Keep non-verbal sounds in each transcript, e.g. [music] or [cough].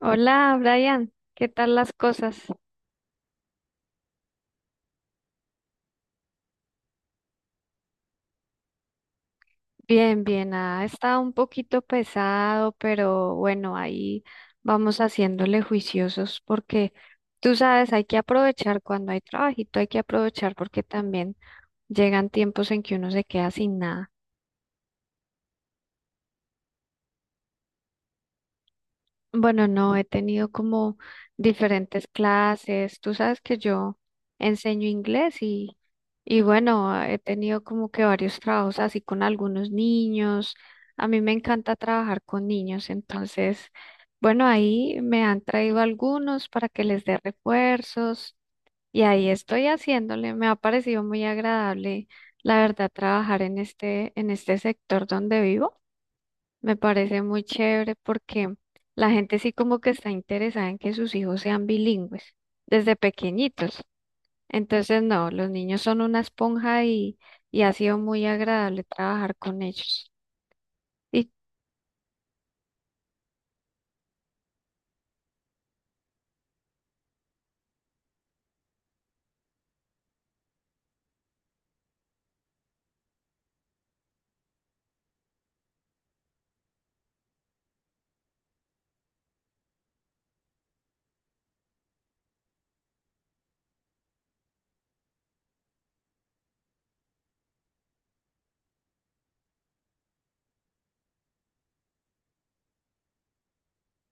Hola, Brian, ¿qué tal las cosas? Bien, bien, ha estado un poquito pesado, pero bueno, ahí vamos haciéndole juiciosos porque tú sabes, hay que aprovechar cuando hay trabajito, hay que aprovechar porque también llegan tiempos en que uno se queda sin nada. Bueno, no, he tenido como diferentes clases. Tú sabes que yo enseño inglés y bueno, he tenido como que varios trabajos así con algunos niños. A mí me encanta trabajar con niños, entonces, bueno, ahí me han traído algunos para que les dé refuerzos y ahí estoy haciéndole. Me ha parecido muy agradable, la verdad, trabajar en este sector donde vivo. Me parece muy chévere porque la gente sí como que está interesada en que sus hijos sean bilingües desde pequeñitos. Entonces, no, los niños son una esponja y ha sido muy agradable trabajar con ellos. Y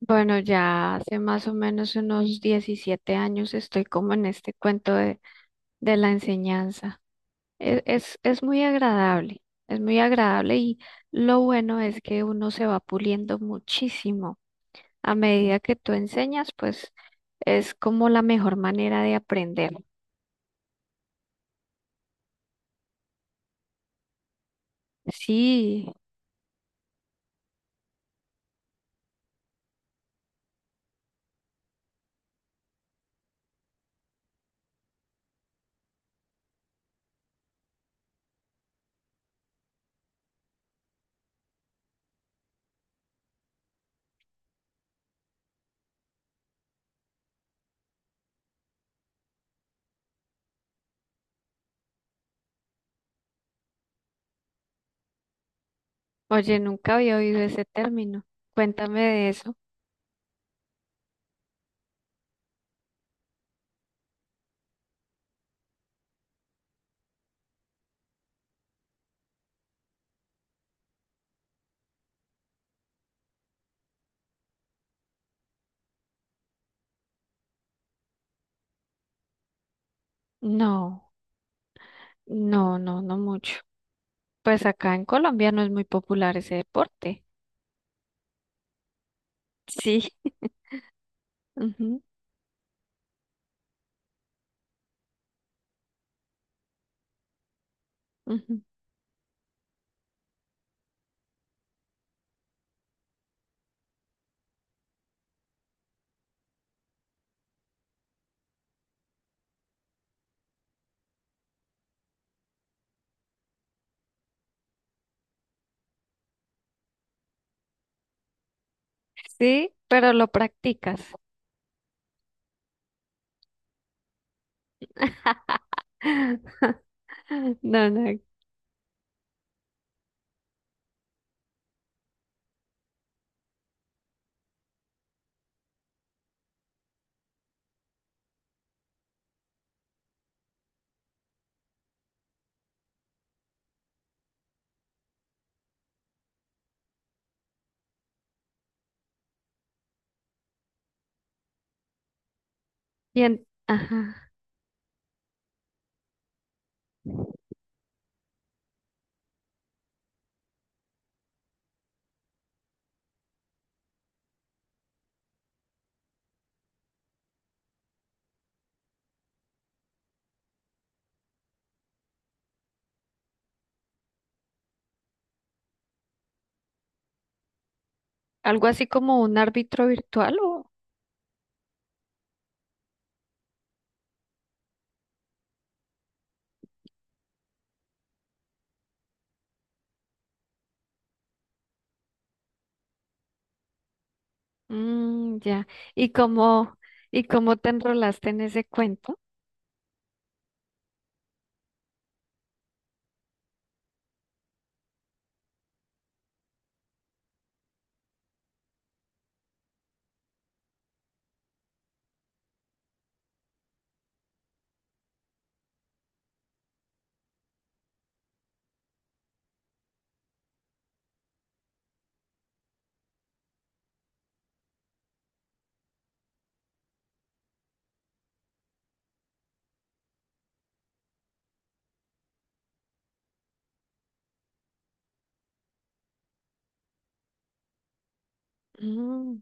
bueno, ya hace más o menos unos 17 años estoy como en este cuento de la enseñanza. Es muy agradable, es muy agradable y lo bueno es que uno se va puliendo muchísimo. A medida que tú enseñas, pues es como la mejor manera de aprender. Sí, oye, nunca había oído ese término. Cuéntame de eso. No, no, no, no mucho. Pues acá en Colombia no es muy popular ese deporte. Sí. [laughs] Ujú, ujú. Sí, pero lo practicas. [laughs] No, no. Bien, ajá. Algo así como un árbitro virtual o... Mm, ya. ¿Y cómo, y cómo te enrolaste en ese cuento? Mm,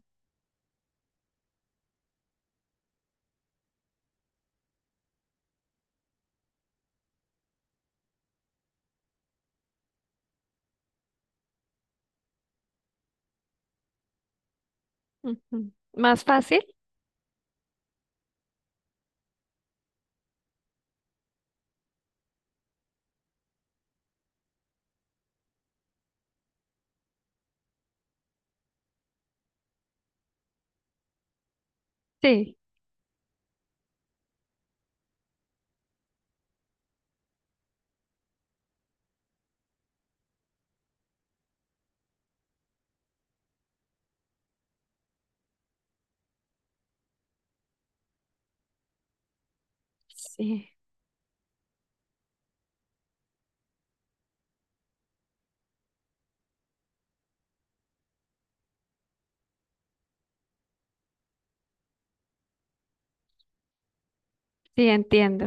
ujú. ¿Más fácil? Sí, sí, sí, entiendo.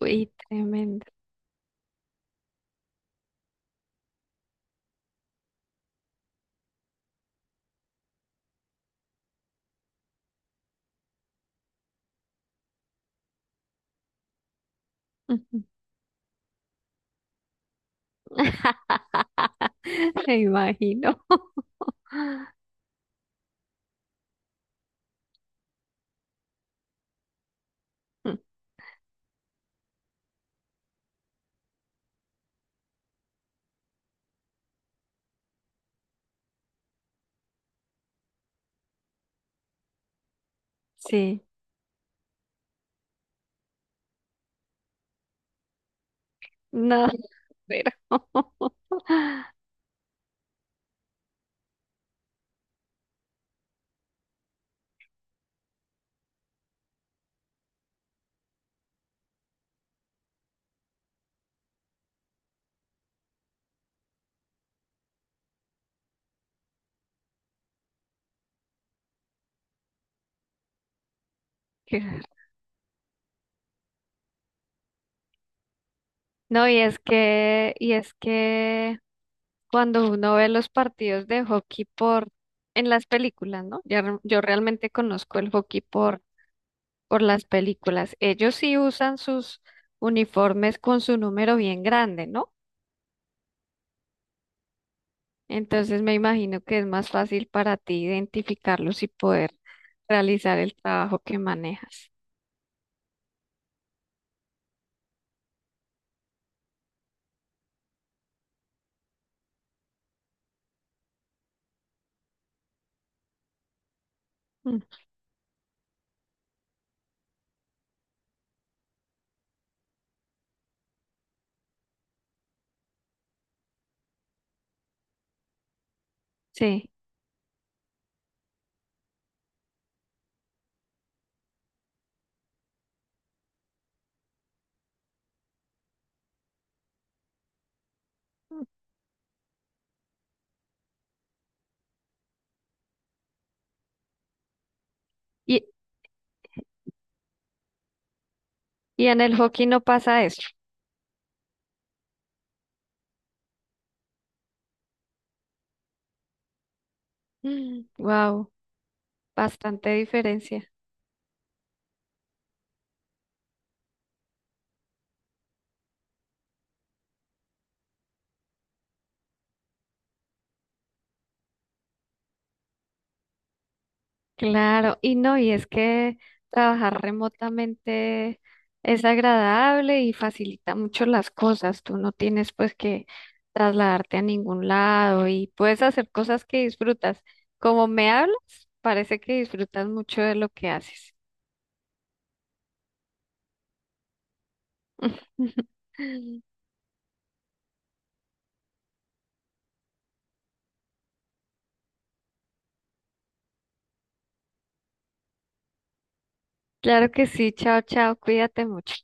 Uy, tremendo. Ujú. [laughs] Me imagino. Mm, sí, no, pero [laughs] qué raro. No, y es que, cuando uno ve los partidos de hockey por en las películas, ¿no? Ya re- yo realmente conozco el hockey por las películas. Ellos sí usan sus uniformes con su número bien grande, ¿no? Entonces me imagino que es más fácil para ti identificarlos y poder realizar el trabajo que manejas. Mm, sí. Y, y en el hockey no pasa eso. Wow, bastante diferencia. Claro, y no, y es que trabajar remotamente es agradable y facilita mucho las cosas. Tú no tienes pues que trasladarte a ningún lado y puedes hacer cosas que disfrutas. Como me hablas, parece que disfrutas mucho de lo que haces. [laughs] Claro que sí, chao, chao, cuídate mucho.